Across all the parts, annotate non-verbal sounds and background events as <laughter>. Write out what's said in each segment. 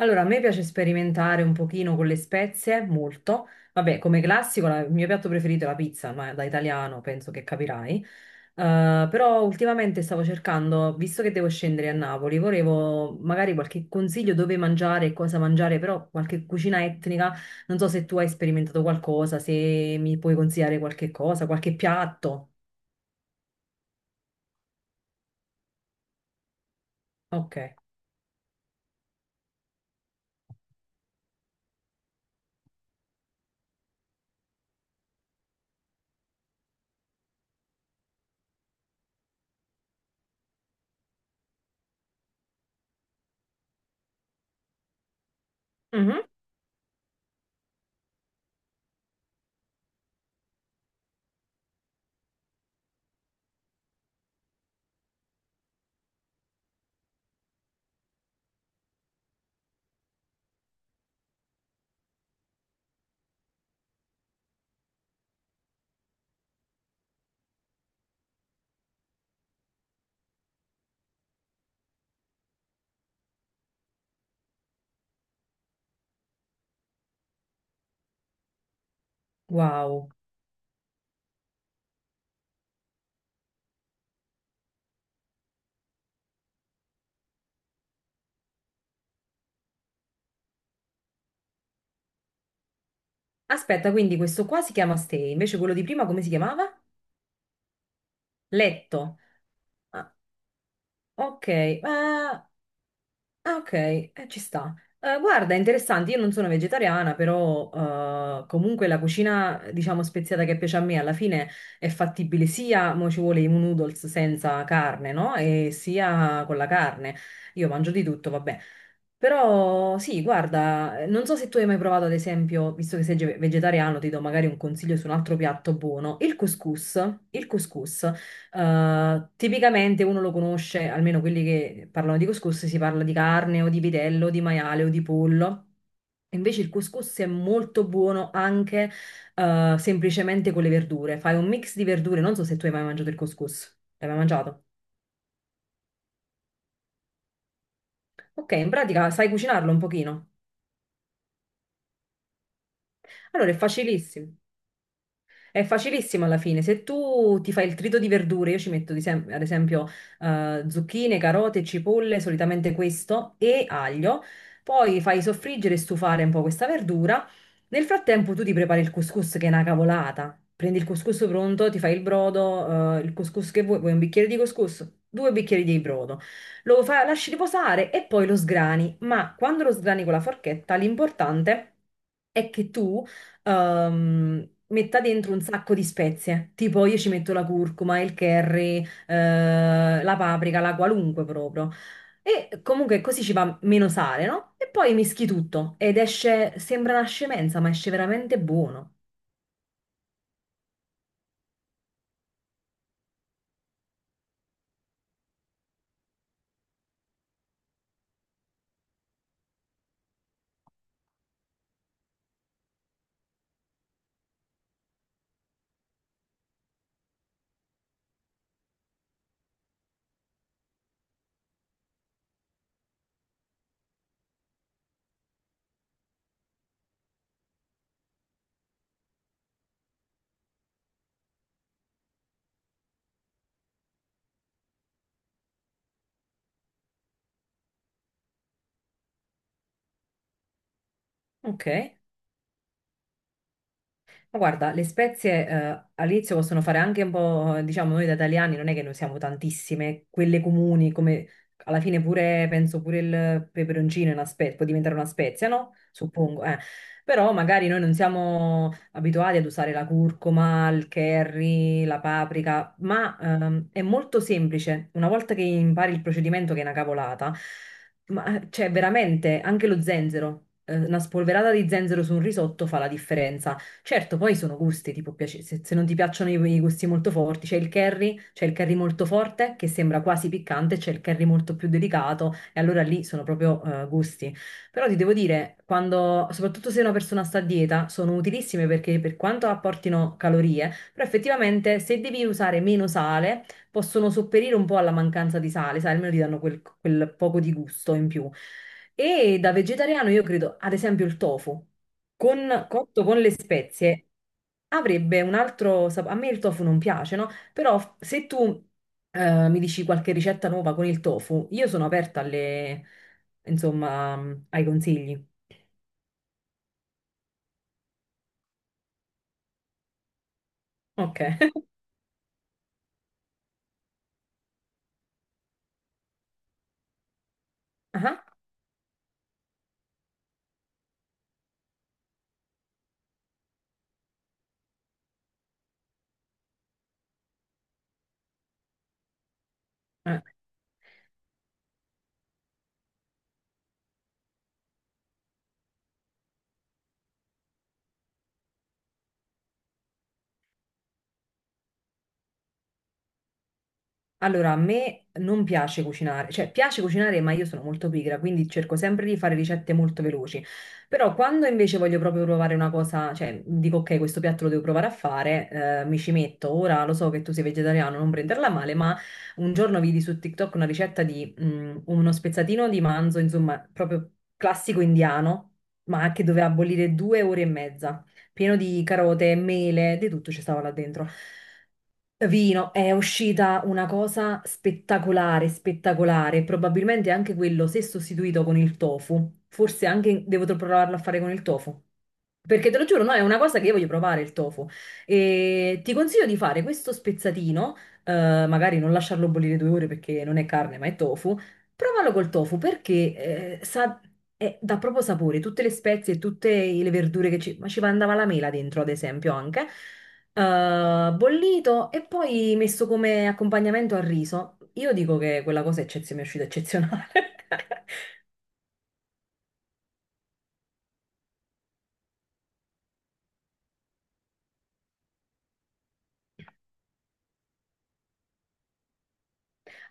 Allora, a me piace sperimentare un pochino con le spezie, molto. Vabbè, come classico, il mio piatto preferito è la pizza, ma da italiano penso che capirai. Però ultimamente stavo cercando, visto che devo scendere a Napoli, volevo magari qualche consiglio dove mangiare e cosa mangiare, però qualche cucina etnica. Non so se tu hai sperimentato qualcosa, se mi puoi consigliare qualche cosa, qualche piatto. Ok. Mhm. Wow. Aspetta, quindi questo qua si chiama Stay, invece quello di prima come si chiamava? Letto. Ah, ok, ah, ok, ci sta. Guarda, è interessante, io non sono vegetariana, però comunque la cucina, diciamo, speziata che piace a me alla fine è fattibile sia, mo ci vuole i noodles senza carne, no? E sia con la carne. Io mangio di tutto, vabbè. Però sì, guarda, non so se tu hai mai provato, ad esempio, visto che sei vegetariano, ti do magari un consiglio su un altro piatto buono, il couscous. Il couscous. Tipicamente uno lo conosce, almeno quelli che parlano di couscous, si parla di carne o di vitello, di maiale o di pollo. Invece il couscous è molto buono anche semplicemente con le verdure. Fai un mix di verdure, non so se tu hai mai mangiato il couscous. L'hai mai mangiato? Ok, in pratica sai cucinarlo un pochino. Allora è facilissimo. È facilissimo alla fine. Se tu ti fai il trito di verdure, io ci metto di ad esempio zucchine, carote, cipolle, solitamente questo, e aglio. Poi fai soffriggere e stufare un po' questa verdura. Nel frattempo tu ti prepari il couscous che è una cavolata. Prendi il couscous pronto, ti fai il brodo, il couscous che vuoi, vuoi un bicchiere di couscous, due bicchieri di brodo. Lasci riposare e poi lo sgrani. Ma quando lo sgrani con la forchetta, l'importante è che tu metta dentro un sacco di spezie, tipo io ci metto la curcuma, il curry, la paprika, la qualunque proprio. E comunque così ci va meno sale, no? E poi mischi tutto ed esce, sembra una scemenza, ma esce veramente buono. Ok. Ma guarda, le spezie all'inizio possono fare anche un po', diciamo, noi da italiani non è che ne usiamo tantissime, quelle comuni, come alla fine pure, penso pure il peperoncino è una può diventare una spezia, no? Suppongo, eh. Però magari noi non siamo abituati ad usare la curcuma, il curry, la paprika, ma è molto semplice. Una volta che impari il procedimento, che è una cavolata, ma cioè veramente anche lo zenzero, una spolverata di zenzero su un risotto fa la differenza. Certo, poi sono gusti, tipo, se non ti piacciono i gusti molto forti, c'è il curry molto forte che sembra quasi piccante, c'è il curry molto più delicato e allora lì sono proprio gusti. Però ti devo dire, quando, soprattutto se una persona sta a dieta, sono utilissime perché per quanto apportino calorie, però effettivamente se devi usare meno sale, possono sopperire un po' alla mancanza di sale, sai, almeno ti danno quel poco di gusto in più. E da vegetariano io credo, ad esempio, il tofu con, cotto con le spezie avrebbe un altro sapore. A me il tofu non piace, no? Però se tu mi dici qualche ricetta nuova con il tofu, io sono aperta alle, insomma, ai consigli. Ok. <laughs> Ah, eh. Allora, a me non piace cucinare, cioè piace cucinare, ma io sono molto pigra, quindi cerco sempre di fare ricette molto veloci. Però quando invece voglio proprio provare una cosa, cioè dico ok, questo piatto lo devo provare a fare, mi ci metto. Ora lo so che tu sei vegetariano, non prenderla male, ma un giorno vidi su TikTok una ricetta di uno spezzatino di manzo, insomma, proprio classico indiano, ma che doveva bollire 2 ore e mezza pieno di carote, mele, di tutto ci stava là dentro. Vino, è uscita una cosa spettacolare, spettacolare. Probabilmente anche quello, se sostituito con il tofu, forse anche devo provarlo a fare con il tofu. Perché te lo giuro, no, è una cosa che io voglio provare il tofu. E ti consiglio di fare questo spezzatino, eh, magari non lasciarlo bollire 2 ore perché non è carne ma è tofu. Provalo col tofu perché sa, dà proprio sapore, tutte le spezie e tutte le verdure che ci... Ma ci andava la mela dentro, ad esempio, anche. Bollito e poi messo come accompagnamento al riso. Io dico che quella cosa è mi è uscita eccezionale. <laughs>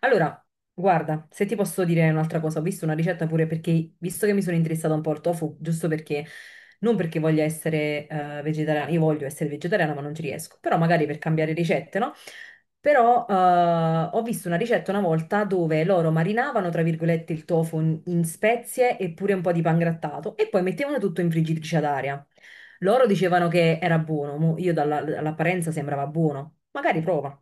Allora, guarda, se ti posso dire un'altra cosa, ho visto una ricetta pure perché, visto che mi sono interessata un po' al tofu, giusto perché, non perché voglia essere vegetariana, io voglio essere vegetariana ma non ci riesco, però magari per cambiare ricette, no? Però ho visto una ricetta una volta dove loro marinavano, tra virgolette, il tofu in spezie e pure un po' di pangrattato e poi mettevano tutto in friggitrice ad aria. Loro dicevano che era buono, mo io dall'apparenza sembrava buono, magari prova.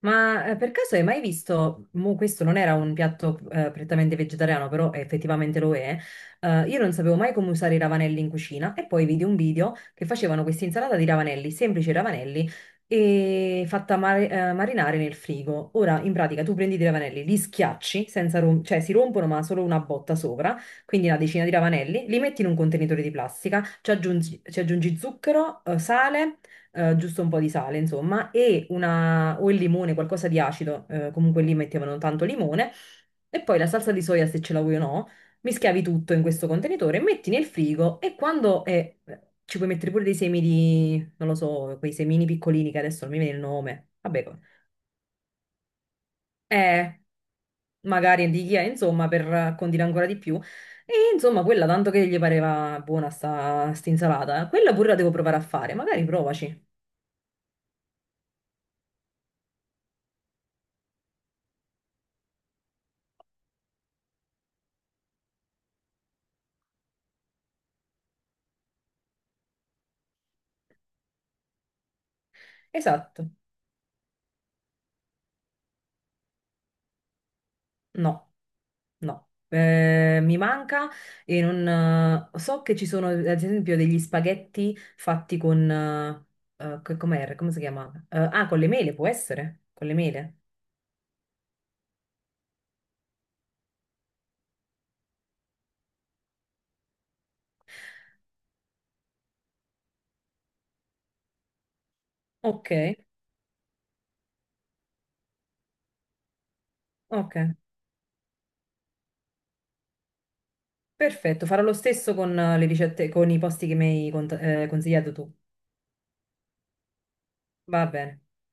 Ma per caso hai mai visto, mo questo non era un piatto prettamente vegetariano, però effettivamente lo è, io non sapevo mai come usare i ravanelli in cucina e poi vidi un video che facevano questa insalata di ravanelli, semplici ravanelli, e fatta marinare nel frigo. Ora, in pratica, tu prendi dei ravanelli, li schiacci, senza cioè si rompono ma solo una botta sopra, quindi una decina di ravanelli, li metti in un contenitore di plastica, ci aggiungi zucchero, sale giusto un po' di sale, insomma, e una, o il limone, qualcosa di acido, comunque lì mettevano tanto limone, e poi la salsa di soia, se ce la vuoi o no, mischiavi tutto in questo contenitore, metti nel frigo e quando ci puoi mettere pure dei semi di, non lo so, quei semini piccolini che adesso non mi viene il nome, vabbè, eh, magari di chia, insomma, per condire ancora di più. E insomma, quella tanto che gli pareva buona sta insalata, quella pure la devo provare a fare, magari provaci. Esatto. No. No, eh, mi manca e non... so che ci sono ad esempio degli spaghetti fatti con... com'era? Come si chiama? Ah, con le mele, può essere? Con le mele. Ok, ok, perfetto. Farò lo stesso con le ricette, con i posti che mi hai consigliato tu. Va bene.